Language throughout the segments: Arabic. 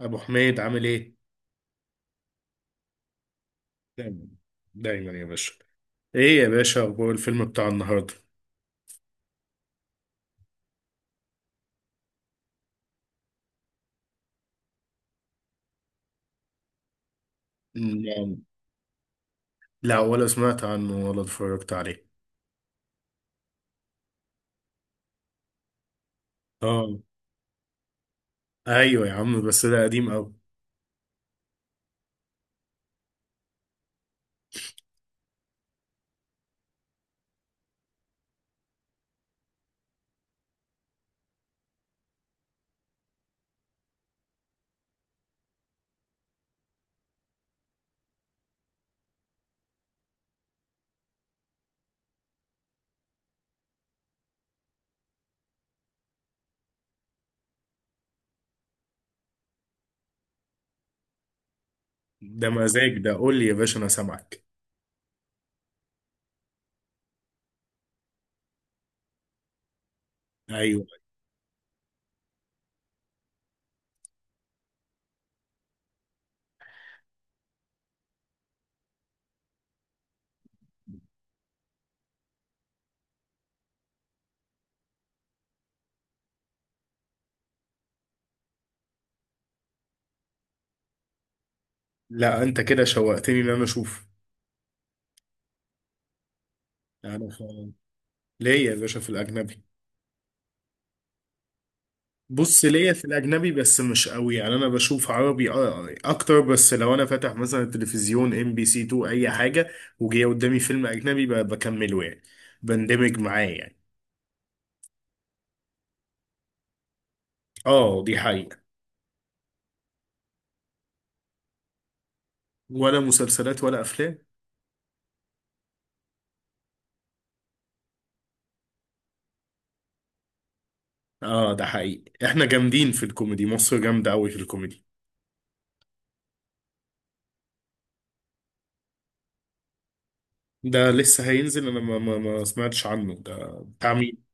ابو حميد عامل ايه؟ دايما. دايما يا باشا. ايه يا باشا اخبار الفيلم بتاع النهارده؟ نعم. لا، ولا سمعت عنه ولا اتفرجت عليه. اه. ايوه يا عم بس ده قديم قوي. ده مزاج، ده قول لي يا باشا انا سامعك. ايوه. لا انت كده شوقتني ان انا اشوف. انا خ- ليه يا باشا في الاجنبي؟ بص ليا في الاجنبي بس مش قوي، يعني انا بشوف عربي اكتر. بس لو انا فاتح مثلا التلفزيون ام بي سي 2 اي حاجه، وجاي قدامي فيلم اجنبي بكمله يعني. بندمج معاه يعني. اه دي حقيقه. ولا مسلسلات ولا افلام. اه ده حقيقي، احنا جامدين في الكوميدي، مصر جامده قوي في الكوميدي. ده لسه هينزل، انا ما سمعتش عنه، ده بتاع مين؟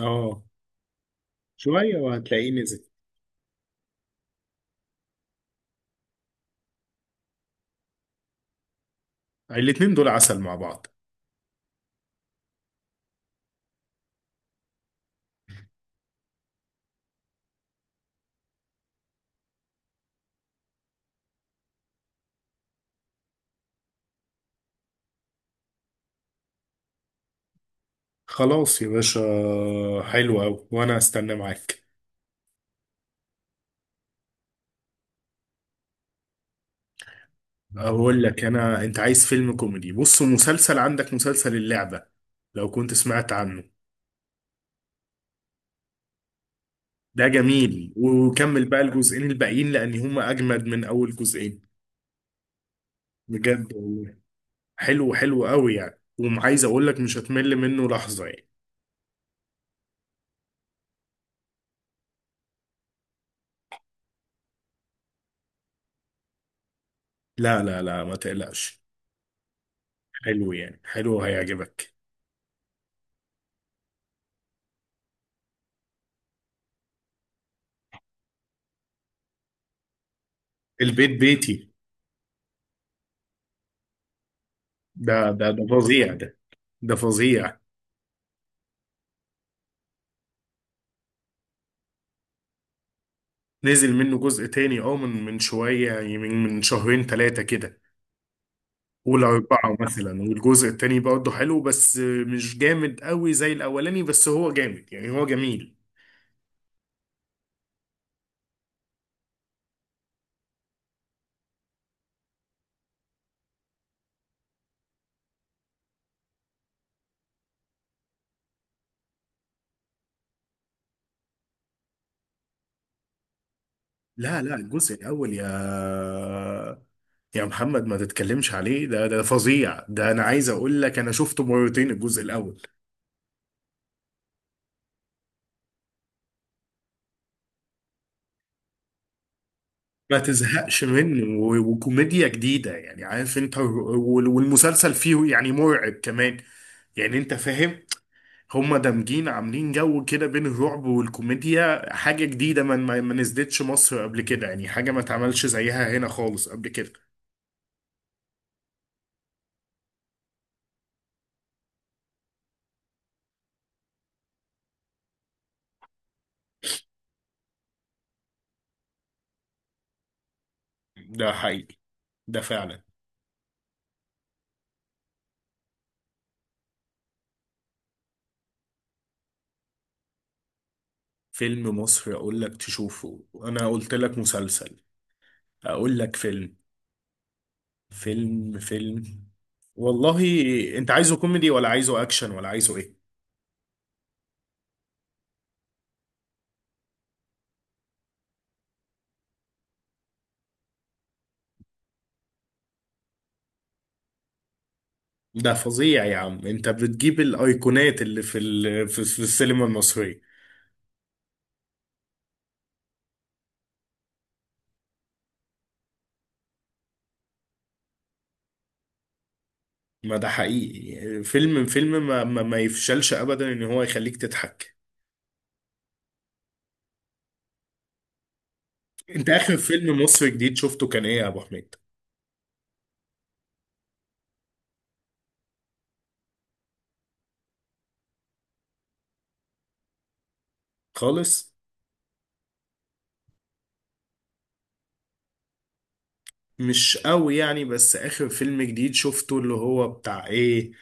اه. شويه وهتلاقيه نزل. الاتنين دول عسل مع بعض. خلاص يا باشا. حلو أوي وأنا أستنى معاك. اقول لك انا، انت عايز فيلم كوميدي؟ بص، مسلسل عندك مسلسل اللعبة لو كنت سمعت عنه. ده جميل، وكمل بقى الجزئين الباقيين لان هما اجمد من اول جزئين. بجد والله. حلو، حلو قوي يعني، وعايز اقول لك مش هتمل منه لحظة يعني. لا لا لا ما تقلقش. حلو يعني، حلو هيعجبك. البيت بيتي. ده فظيع ده. ده فظيع. نزل منه جزء تاني اه، من شوية يعني، من شهرين ثلاثة كده. قول أربعة مثلا. والجزء التاني برضه حلو، بس مش جامد قوي زي الأولاني، بس هو جامد يعني، هو جميل. لا لا الجزء الأول يا محمد ما تتكلمش عليه، ده فظيع ده، أنا عايز أقول لك أنا شفته مرتين الجزء الأول. ما تزهقش منه، وكوميديا جديدة يعني، عارف أنت والمسلسل فيه يعني مرعب كمان. يعني أنت فاهم. هما دامجين عاملين جو كده بين الرعب والكوميديا، حاجة جديدة ما نزلتش مصر قبل كده يعني، حاجة ما اتعملش زيها هنا خالص قبل كده. ده حقيقي، ده فعلا. فيلم مصر اقول لك تشوفه، انا قلت لك مسلسل، اقول لك فيلم. فيلم فيلم. والله انت عايزه كوميدي ولا عايزه اكشن ولا عايزه ايه؟ ده فظيع يا عم، انت بتجيب الايقونات اللي في ال... في في السينما المصرية. ما ده حقيقي، فيلم فيلم ما يفشلش ابدا ان هو يخليك تضحك. انت اخر فيلم مصري جديد شفته كان ايه يا ابو حميد؟ خالص. مش قوي يعني، بس اخر فيلم جديد شفته اللي هو بتاع ايه،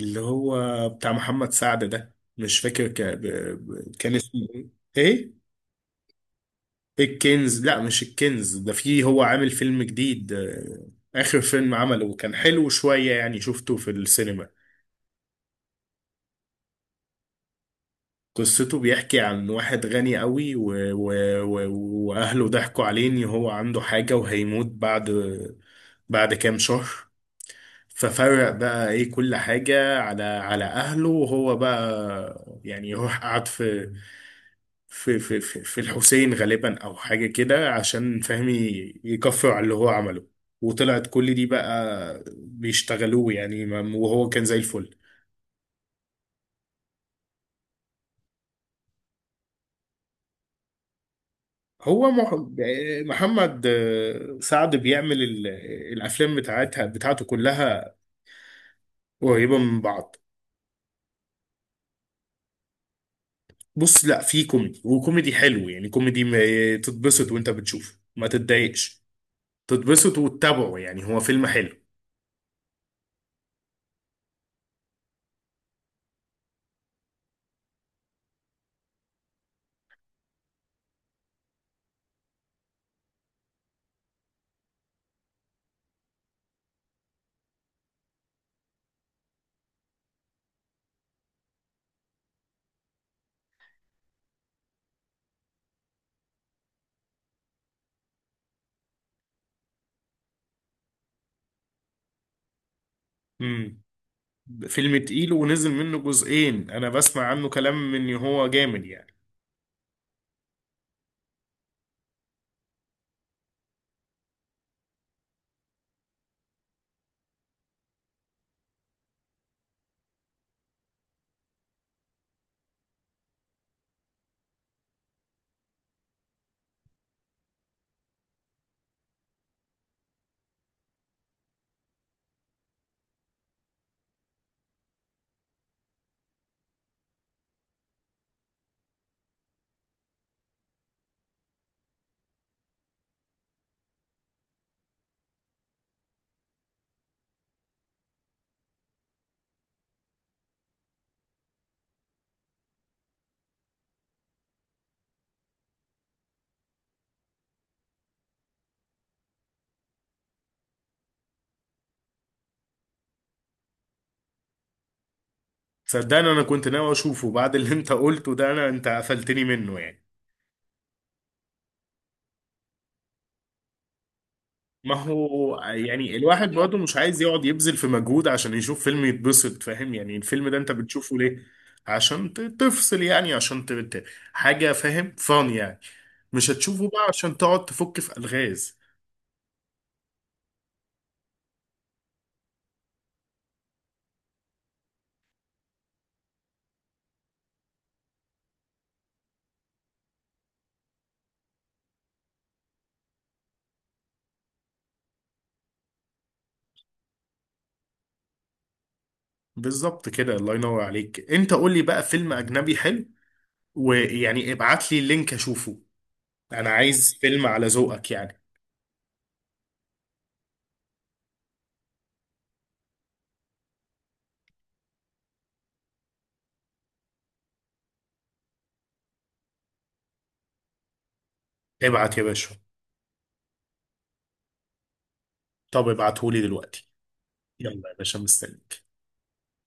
اللي هو بتاع محمد سعد، ده مش فاكر كان اسمه ايه؟ ايه؟ الكنز؟ لا مش الكنز، ده فيه هو عامل فيلم جديد، اخر فيلم عمله، وكان حلو شوية يعني، شفته في السينما. قصته بيحكي عن واحد غني قوي و... و... واهله ضحكوا عليه ان هو عنده حاجة وهيموت بعد بعد كام شهر. ففرق بقى ايه كل حاجة على على اهله، وهو بقى يعني يروح قعد في في الحسين غالبا او حاجة كده، عشان فهمي يكفر على اللي هو عمله. وطلعت كل دي بقى بيشتغلوه يعني، وهو كان زي الفل. هو محمد سعد بيعمل الافلام بتاعتها بتاعته كلها، قريبه من بعض. بص لا في كوميدي، وكوميدي حلو يعني، كوميدي ما تتبسط وانت بتشوفه، ما تتضايقش، تتبسط وتتابعه يعني، هو فيلم حلو. امم. فيلم تقيل ونزل منه جزئين، انا بسمع عنه كلام ان هو جامد يعني. صدقني انا كنت ناوي اشوفه، بعد اللي انت قلته ده انا انت قفلتني منه يعني. ما هو يعني الواحد برضه مش عايز يقعد يبذل في مجهود عشان يشوف فيلم يتبسط، فاهم يعني؟ الفيلم ده انت بتشوفه ليه؟ عشان تفصل يعني، عشان حاجة، فاهم فان يعني. مش هتشوفه بقى عشان تقعد تفك في ألغاز. بالظبط كده، الله ينور عليك. انت قول لي بقى فيلم أجنبي حلو، ويعني ابعت لي اللينك أشوفه، أنا عايز فيلم على ذوقك يعني. ابعت يا باشا. طب ابعته لي دلوقتي. يلا يا باشا مستنيك.